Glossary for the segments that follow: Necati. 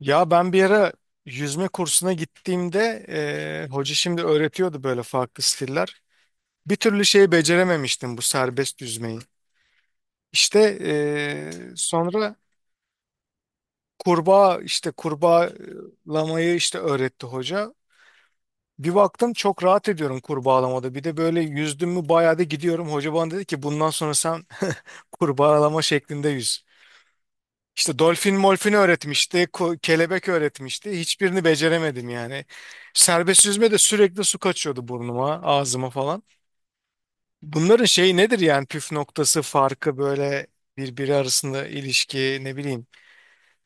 Ya ben bir ara yüzme kursuna gittiğimde hoca şimdi öğretiyordu böyle farklı stiller. Bir türlü şeyi becerememiştim bu serbest yüzmeyi. İşte sonra kurbağalamayı işte öğretti hoca. Bir baktım çok rahat ediyorum kurbağalamada. Bir de böyle yüzdüm mü bayağı da gidiyorum. Hoca bana dedi ki bundan sonra sen kurbağalama şeklinde yüz. İşte dolfin molfin öğretmişti, kelebek öğretmişti. Hiçbirini beceremedim yani. Serbest yüzme de sürekli su kaçıyordu burnuma, ağzıma falan. Bunların şeyi nedir yani püf noktası, farkı böyle birbiri arasında ilişki ne bileyim.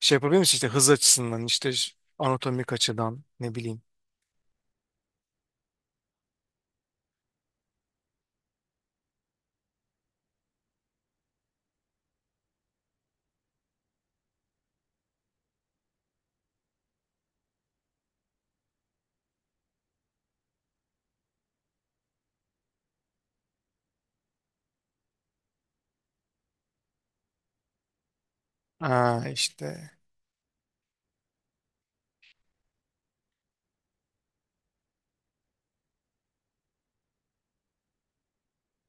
Şey yapabilir misin işte hız açısından işte anatomik açıdan ne bileyim. Aa işte.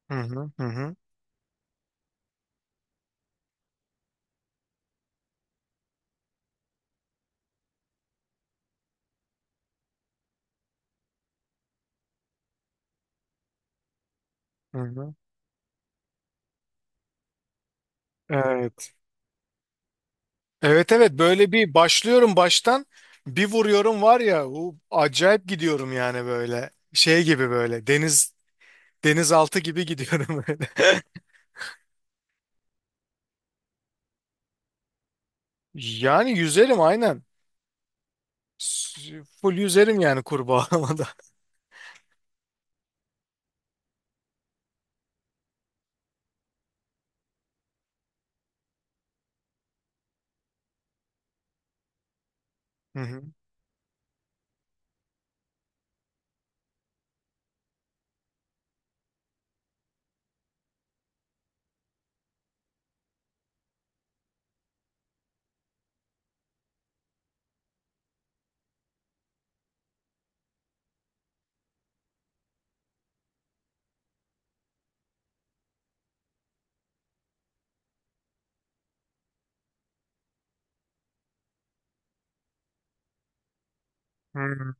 Hı hı hı hı. Hı hı. Evet. Evet, evet, böyle bir başlıyorum baştan bir vuruyorum var ya o acayip gidiyorum yani böyle şey gibi böyle denizaltı gibi gidiyorum böyle. Yani yüzerim aynen. Full yüzerim yani kurbağalamada. Hı hı. Hı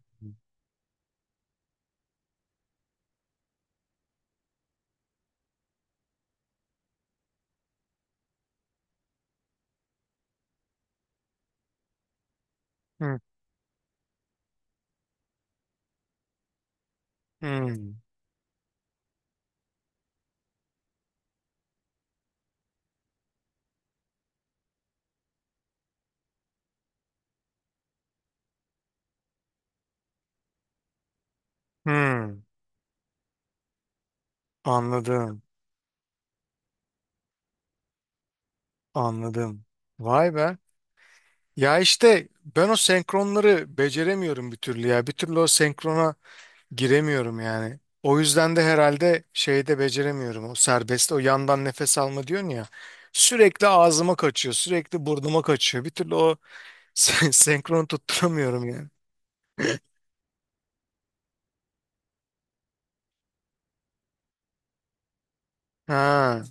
hı. Hı hı. Anladım. Anladım. Vay be. Ya işte ben o senkronları beceremiyorum bir türlü ya. Bir türlü o senkrona giremiyorum yani. O yüzden de herhalde şeyde beceremiyorum o serbest o yandan nefes alma diyorsun ya. Sürekli ağzıma kaçıyor, sürekli burnuma kaçıyor. Bir türlü o senkronu tutturamıyorum yani. Ha,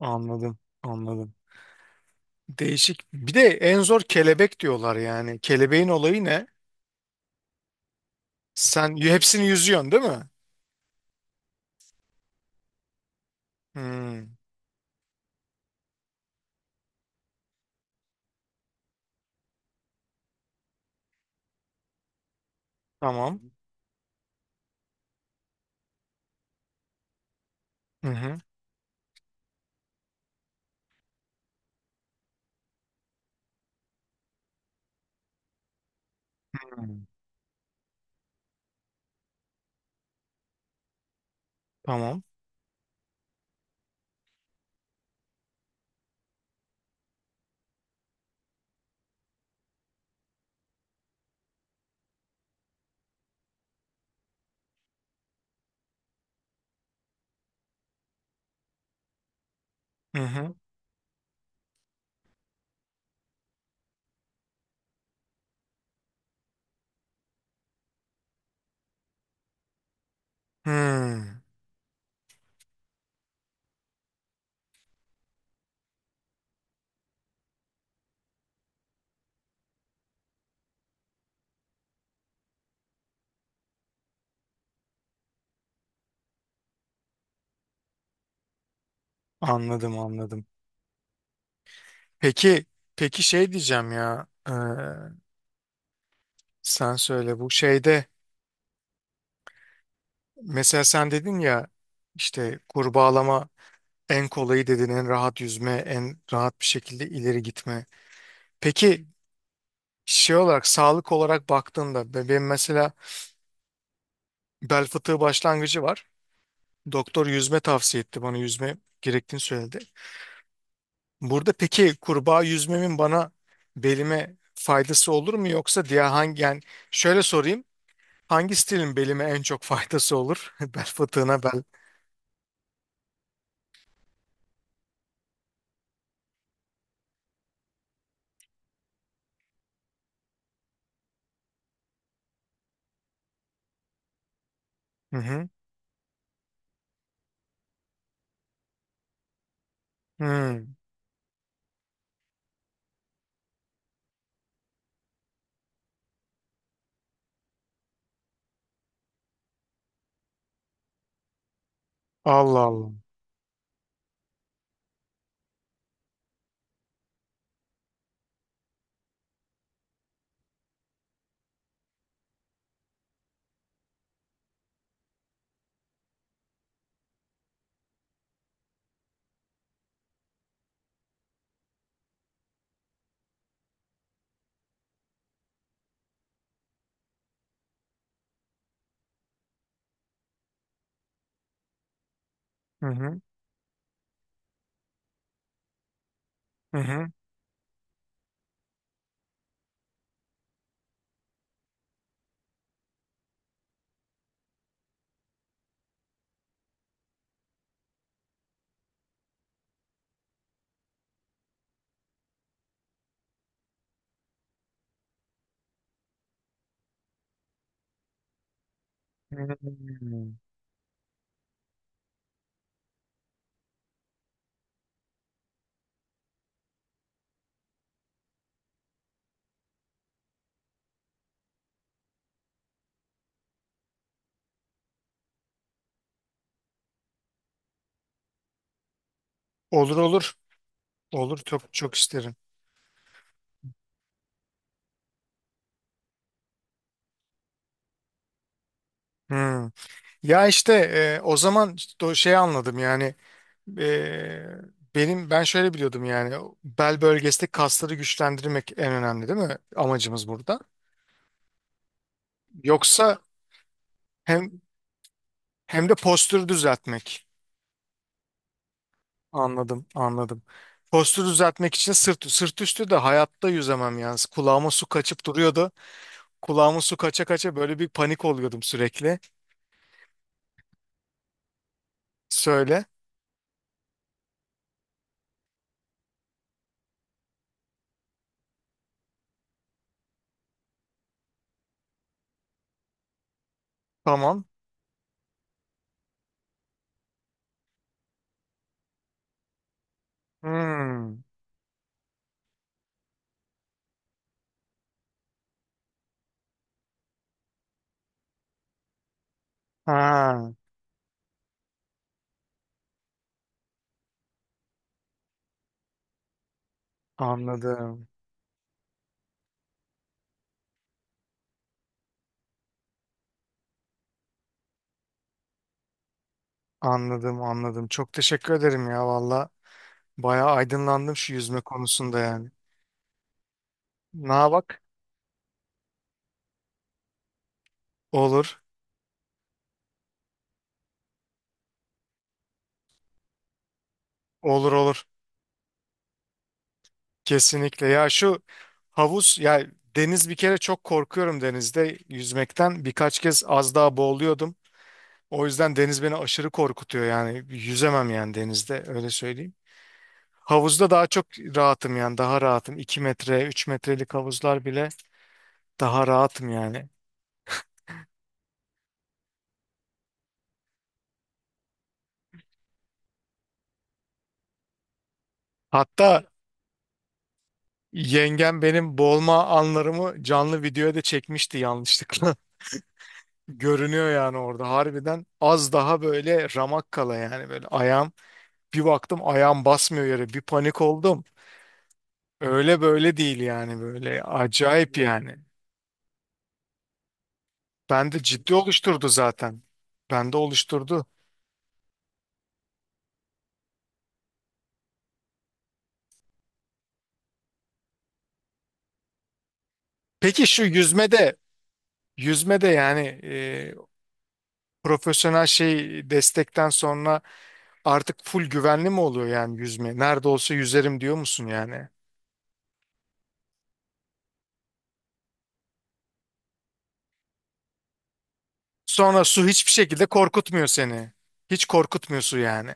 anladım, anladım. Değişik. Bir de en zor kelebek diyorlar yani. Kelebeğin olayı ne? Sen hepsini yüzüyorsun değil mi? Hmm, tamam. Hı hı. Hmm, tamam. Hı hı. Hmm, anladım, anladım. Peki, peki şey diyeceğim ya, sen söyle bu şeyde mesela sen dedin ya işte kurbağalama en kolayı dedin, en rahat yüzme, en rahat bir şekilde ileri gitme. Peki şey olarak, sağlık olarak baktığında, benim mesela bel fıtığı başlangıcı var. Doktor yüzme tavsiye etti bana, yüzme gerektiğini söyledi. Burada peki kurbağa yüzmemin bana belime faydası olur mu, yoksa diğer hangi yani, şöyle sorayım. Hangi stilin belime en çok faydası olur? Bel fıtığına bel. Hı hı. Hı. Allah Allah. Hı hı. Hı hı. Hı. Olur, olur. Olur, çok çok isterim. Hı. Ya işte, o zaman işte o şey anladım yani, e, ben şöyle biliyordum yani, bel bölgesindeki kasları güçlendirmek en önemli değil mi amacımız burada? Yoksa hem hem de postürü düzeltmek. Anladım, anladım. Postürü düzeltmek için sırt, sırt üstü de hayatta yüzemem yani. Kulağıma su kaçıp duruyordu. Kulağıma su kaça kaça böyle bir panik oluyordum sürekli. Söyle. Tamam. Hmm. Ha, anladım. Anladım, anladım. Çok teşekkür ederim ya valla. Bayağı aydınlandım şu yüzme konusunda yani. Na bak. Olur. Olur, olur. Kesinlikle. Ya şu havuz ya deniz, bir kere çok korkuyorum denizde yüzmekten. Birkaç kez az daha boğuluyordum. O yüzden deniz beni aşırı korkutuyor yani, yüzemem yani denizde, öyle söyleyeyim. Havuzda daha çok rahatım yani, daha rahatım. 2 metre 3 metrelik havuzlar bile daha rahatım yani. Hatta yengem benim boğulma anlarımı canlı videoya da çekmişti yanlışlıkla. Görünüyor yani, orada harbiden az daha böyle ramak kala yani, böyle ayağım bir baktım ayağım basmıyor yere, bir panik oldum. Öyle böyle değil yani, böyle acayip yani. Bende ciddi oluşturdu zaten. Bende oluşturdu. Peki şu yüzmede, yüzmede yani, profesyonel şey destekten sonra artık full güvenli mi oluyor yani yüzme? Nerede olsa yüzerim diyor musun yani? Sonra su hiçbir şekilde korkutmuyor seni. Hiç korkutmuyor su yani.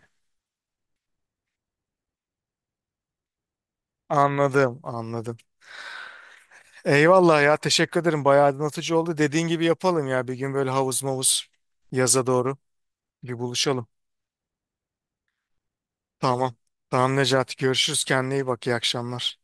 Anladım, anladım. Eyvallah ya, teşekkür ederim. Bayağı aydınlatıcı oldu. Dediğin gibi yapalım ya, bir gün böyle havuz mavuz, yaza doğru bir buluşalım. Tamam. Tamam Necati, görüşürüz. Kendine iyi bak. İyi akşamlar.